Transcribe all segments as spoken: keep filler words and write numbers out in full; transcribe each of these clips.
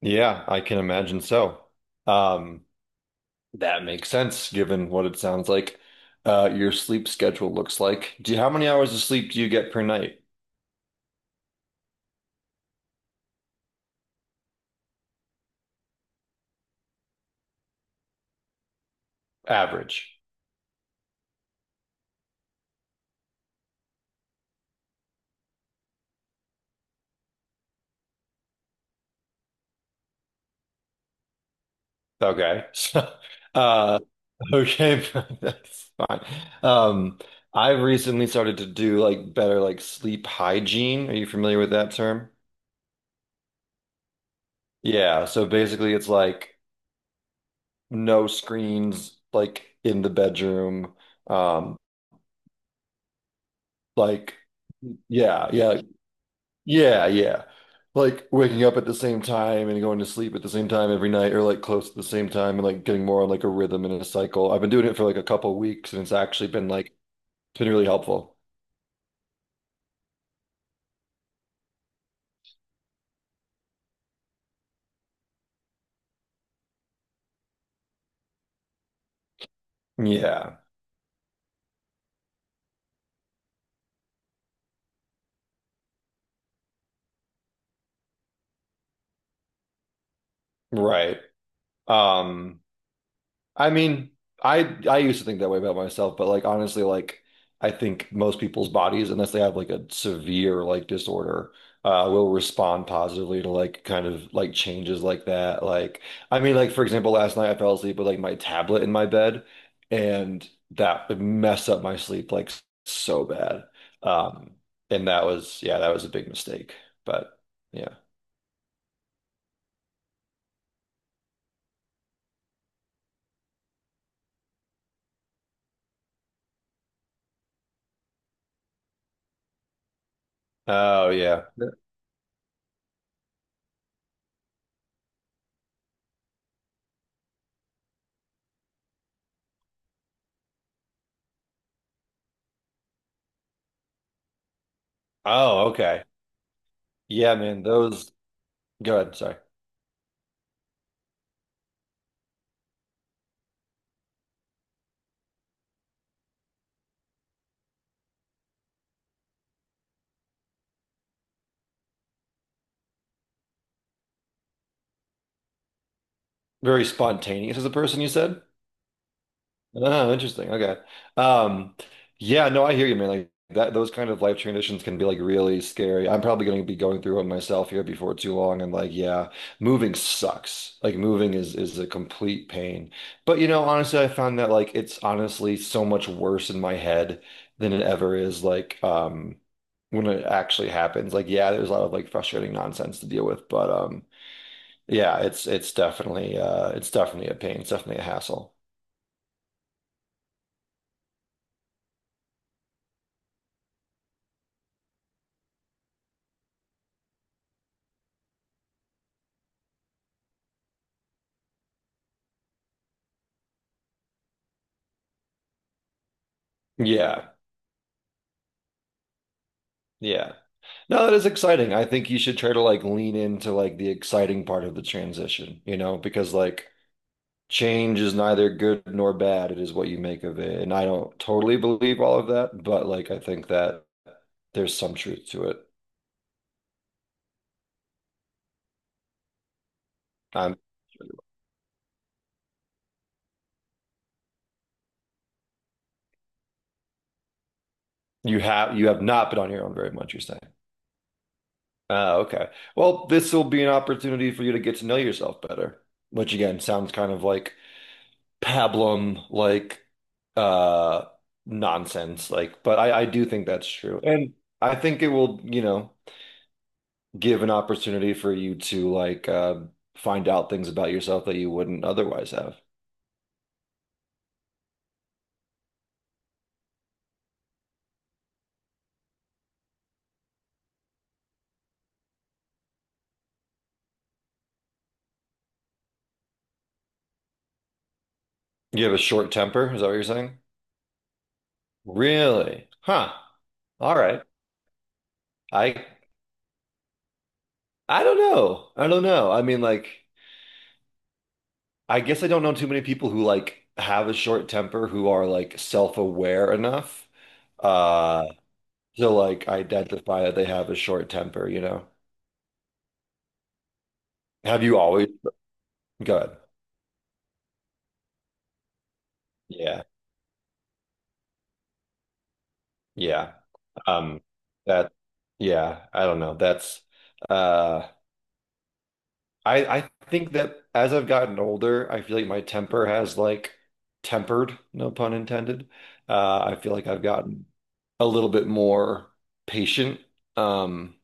Yeah, I can imagine so. Um, that makes sense given what it sounds like uh, your sleep schedule looks like. Do you, how many hours of sleep do you get per night? Average. Okay. So, uh, okay, that's fine. Um, I've recently started to do like better like sleep hygiene. Are you familiar with that term? Yeah, so basically it's like no screens like in the bedroom. Um, like yeah, yeah. Yeah, yeah. Like waking up at the same time and going to sleep at the same time every night or like close to the same time and like getting more on like a rhythm and a cycle. I've been doing it for like a couple weeks and it's actually been like it's been really helpful. Yeah, right. Um I mean, I I used to think that way about myself, but like honestly, like I think most people's bodies, unless they have like a severe like disorder, uh, will respond positively to like kind of like changes like that. Like I mean, like for example, last night I fell asleep with like my tablet in my bed, and that would mess up my sleep like so bad. Um, and that was yeah, that was a big mistake. But yeah. Oh yeah. Oh, okay. Yeah, man. Those. Go ahead. Sorry. Very spontaneous as a person, you said? Oh, interesting. Okay. Um, yeah, no, I hear you, man. Like that, those kind of life transitions can be like really scary. I'm probably going to be going through one myself here before too long. And like, yeah, moving sucks. Like moving is is a complete pain. But you know, honestly, I found that like it's honestly so much worse in my head than it ever is like um when it actually happens. Like, yeah, there's a lot of like frustrating nonsense to deal with, but um. Yeah, it's it's definitely uh it's definitely a pain. It's definitely a hassle. Yeah. Yeah. No, that is exciting. I think you should try to like lean into like the exciting part of the transition, you know, because like change is neither good nor bad. It is what you make of it. And I don't totally believe all of that, but like I think that there's some truth to it. I'm you have you have not been on your own very much, you're saying. Oh, okay. Well, this will be an opportunity for you to get to know yourself better, which again sounds kind of like pablum like uh nonsense like but I I do think that's true and I think it will you know give an opportunity for you to like uh, find out things about yourself that you wouldn't otherwise have. You have a short temper, is that what you're saying? Really, huh? All right, I I don't know, I don't know. I mean, like I guess I don't know too many people who like have a short temper who are like self-aware enough Uh to like identify that they have a short temper, you know? Have you always? Good. Yeah. Yeah. Um, that, yeah, I don't know. That's, uh, I, I think that as I've gotten older, I feel like my temper has like tempered, no pun intended. Uh, I feel like I've gotten a little bit more patient. Um,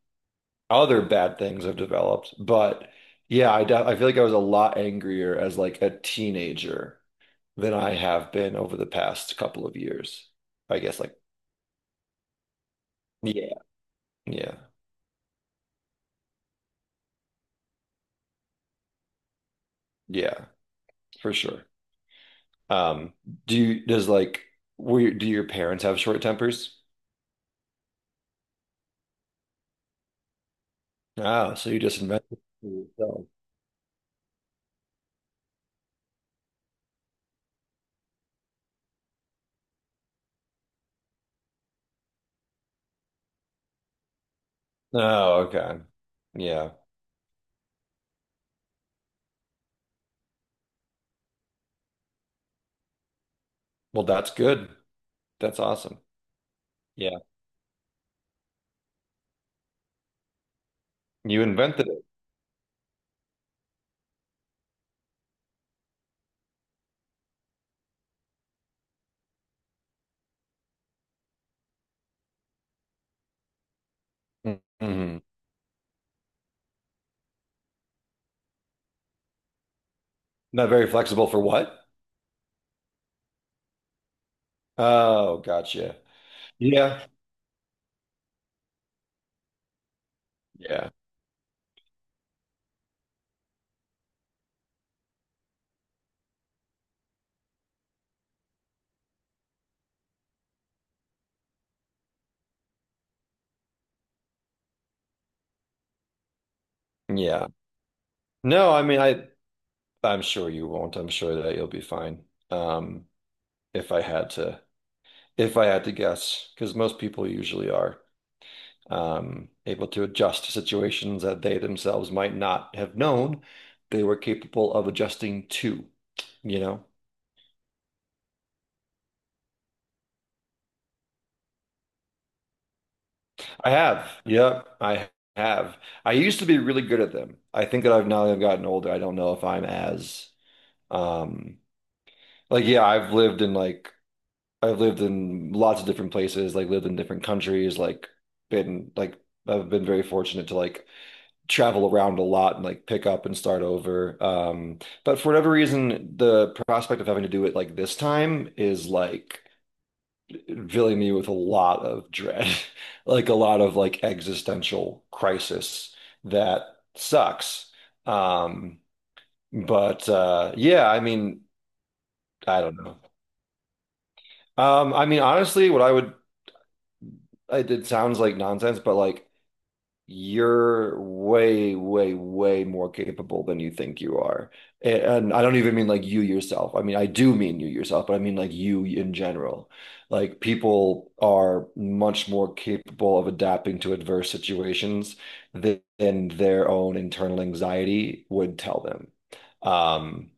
other bad things have developed, but yeah, I, de- I feel like I was a lot angrier as like a teenager than I have been over the past couple of years. I guess like yeah, yeah, yeah, for sure. Um, do you does like were your- Do your parents have short tempers? Oh, so you just invented it for yourself. Oh, okay. Yeah. Well, that's good. That's awesome. Yeah. You invented it. Hmm. Not very flexible for what? Oh, gotcha. Yeah. Yeah. Yeah. No, I mean, I I'm sure you won't. I'm sure that you'll be fine. Um, if I had to if I had to guess, because most people usually are um, able to adjust to situations that they themselves might not have known they were capable of adjusting to. You know, I have. Yep, I have. I used to be really good at them. I think that I've now that I've gotten older, I don't know if I'm as um like yeah, I've lived in like I've lived in lots of different places, like lived in different countries, like been like I've been very fortunate to like travel around a lot and like pick up and start over. Um, but for whatever reason, the prospect of having to do it like this time is like filling me with a lot of dread, like a lot of like existential crisis that sucks. Um, but uh, yeah, I mean, I don't know. Um, I mean, honestly, what I would, it it sounds like nonsense, but like you're way, way, way more capable than you think you are. A- And I don't even mean like you yourself. I mean, I do mean you yourself, but I mean like you in general. Like people are much more capable of adapting to adverse situations than, than their own internal anxiety would tell them. Um,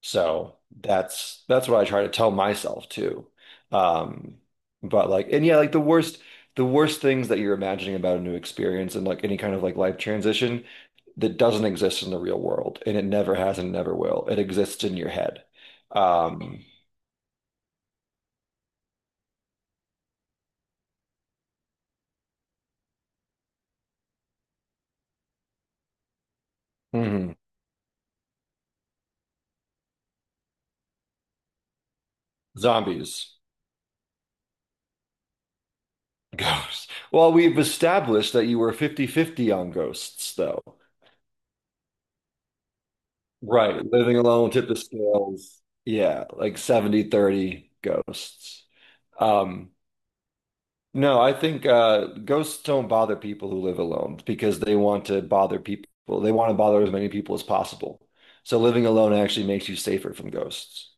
so that's that's what I try to tell myself too. Um, but like, and yeah, like the worst, the worst things that you're imagining about a new experience and like any kind of like life transition that doesn't exist in the real world, and it never has and never will. It exists in your head. Um, mhm. Zombies, ghosts. Well, we've established that you were fifty fifty on ghosts, though. Right, living alone tip the scales. Yeah, like seventy thirty ghosts. Um, No, I think uh, ghosts don't bother people who live alone because they want to bother people. They want to bother as many people as possible. So living alone actually makes you safer from ghosts.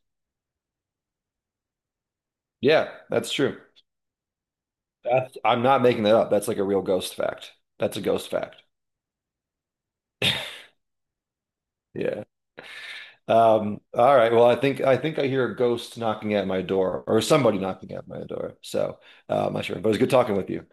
Yeah, that's true. That's, I'm not making that up. That's like a real ghost fact. That's a ghost fact. Yeah. Um, all right. Well, I think I think I hear a ghost knocking at my door or somebody knocking at my door. So, uh, I'm not sure, but it was good talking with you.